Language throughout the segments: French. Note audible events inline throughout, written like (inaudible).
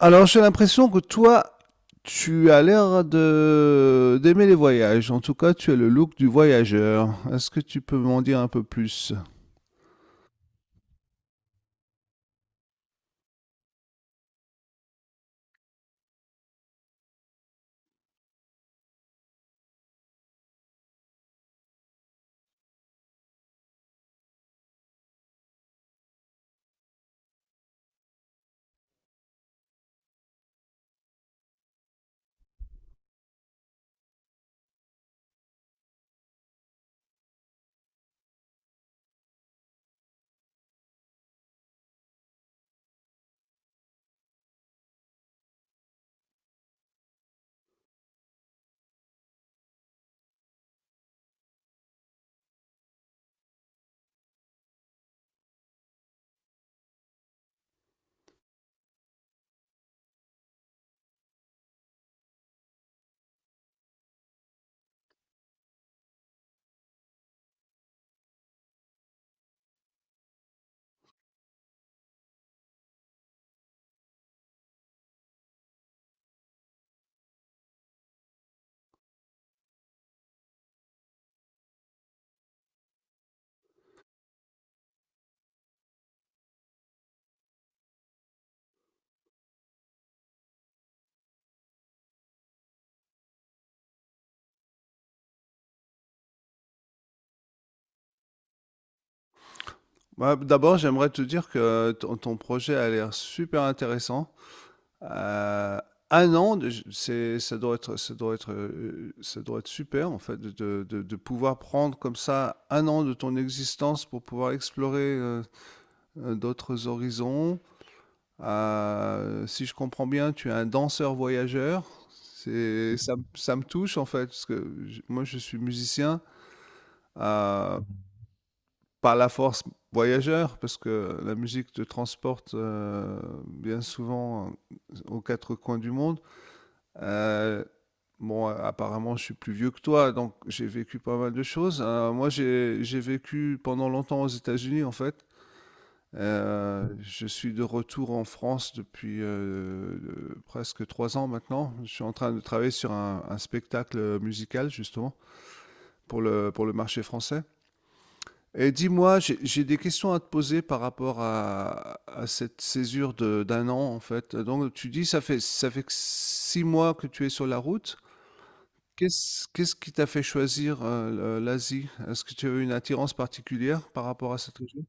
Alors j'ai l'impression que toi, tu as l'air de d'aimer les voyages. En tout cas, tu as le look du voyageur. Est-ce que tu peux m'en dire un peu plus? Bah, d'abord, j'aimerais te dire que ton projet a l'air super intéressant. Euh, un an, ça doit être, ça doit être, ça doit être super en fait de, de pouvoir prendre comme ça un an de ton existence pour pouvoir explorer d'autres horizons. Si je comprends bien, tu es un danseur voyageur. Ça me touche en fait, parce que moi je suis musicien euh, par la force voyageur, parce que la musique te transporte bien souvent aux quatre coins du monde. Euh, Apparemment, je suis plus vieux que toi, donc j'ai vécu pas mal de choses. Moi, j'ai vécu pendant longtemps aux États-Unis, en fait. Je suis de retour en France depuis presque trois ans maintenant. Je suis en train de travailler sur un spectacle musical justement pour pour le marché français. Et dis-moi, j'ai des questions à te poser par rapport à cette césure d'un an en fait. Donc tu dis ça fait que six mois que tu es sur la route. Qu'est-ce qui t'a fait choisir l'Asie? Est-ce que tu as eu une attirance particulière par rapport à cette région?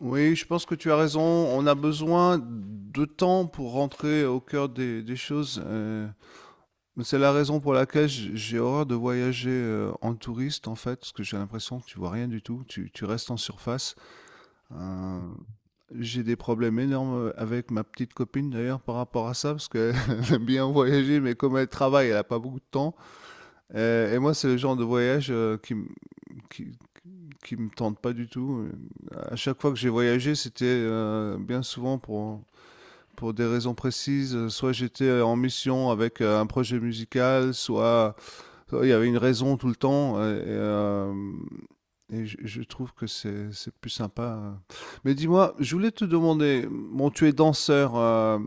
Oui, je pense que tu as raison. On a besoin de temps pour rentrer au cœur des choses. C'est la raison pour laquelle j'ai horreur de voyager en touriste, en fait, parce que j'ai l'impression que tu vois rien du tout. Tu restes en surface. Euh, j'ai des problèmes énormes avec ma petite copine, d'ailleurs, par rapport à ça, parce qu'elle (laughs) aime bien voyager, mais comme elle travaille, elle n'a pas beaucoup de temps. Et moi, c'est le genre de voyage qui- qui me tentent pas du tout. À chaque fois que j'ai voyagé, c'était bien souvent pour des raisons précises. Soit j'étais en mission avec un projet musical, soit il y avait une raison tout le temps. Et je trouve que c'est plus sympa. Mais dis-moi, je voulais te demander, bon, tu es danseur.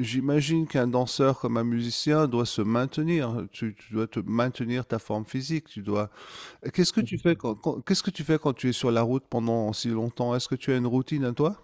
J'imagine qu'un danseur comme un musicien doit se maintenir. Tu dois te maintenir ta forme physique. Tu dois… Qu'est-ce que tu fais quand, qu'est-ce que tu fais quand tu es sur la route pendant si longtemps? Est-ce que tu as une routine à toi?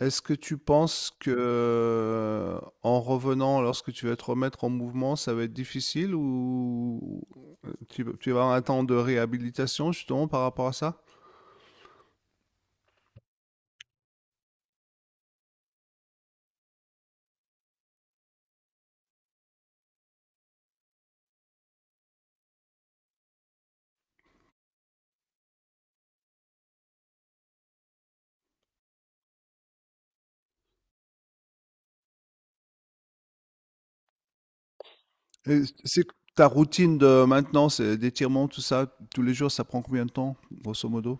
Est-ce que tu penses que en revenant, lorsque tu vas te remettre en mouvement, ça va être difficile ou tu vas avoir un temps de réhabilitation justement par rapport à ça? Et c'est ta routine de maintenant, c'est d'étirement, tout ça, tous les jours, ça prend combien de temps, grosso modo?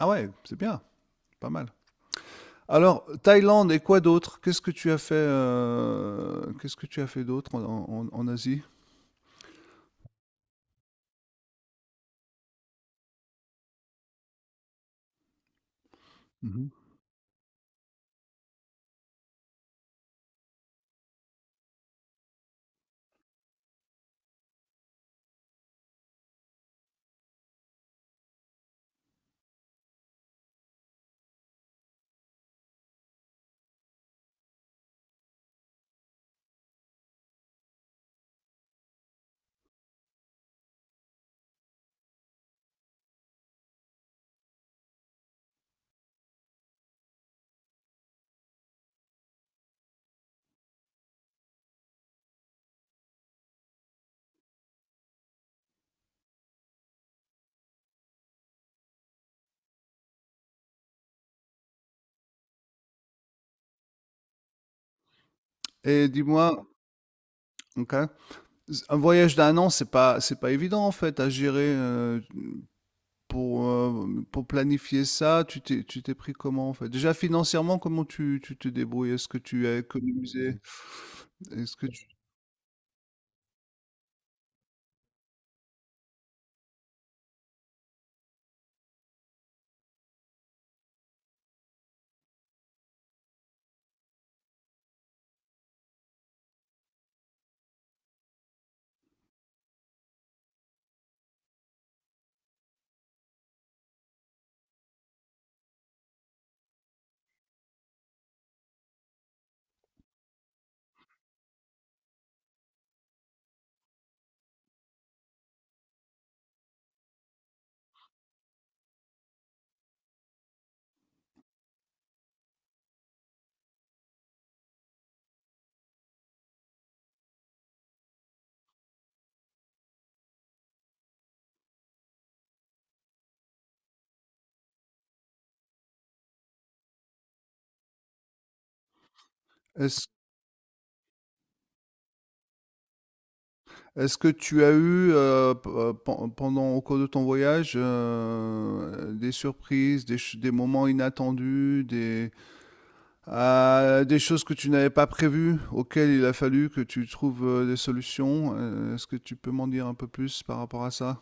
Ah ouais, c'est bien, pas mal. Alors, Thaïlande et quoi d'autre? Qu'est-ce que tu as fait, qu'est-ce que tu as fait d'autre en, en Asie? Mhm. Et dis-moi, ok, un voyage d'un an, c'est pas évident en fait à gérer pour planifier ça. Tu t'es pris comment en fait? Déjà financièrement, comment tu te débrouilles? Est-ce que tu as économisé? Est-ce que tu, est-ce, est-ce que tu as eu pendant au cours de ton voyage des surprises, des moments inattendus, des… Des choses que tu n'avais pas prévues, auxquelles il a fallu que tu trouves des solutions. Est-ce que tu peux m'en dire un peu plus par rapport à ça?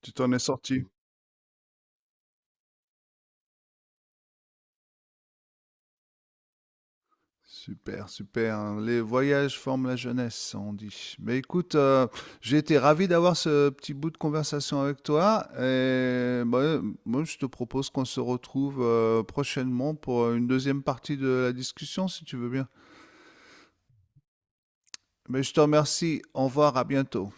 Tu t'en es sorti. Super, super. Les voyages forment la jeunesse, on dit. Mais écoute, j'ai été ravi d'avoir ce petit bout de conversation avec toi. Et bah, moi, je te propose qu'on se retrouve prochainement pour une deuxième partie de la discussion, si tu veux bien. Mais je te remercie. Au revoir, à bientôt.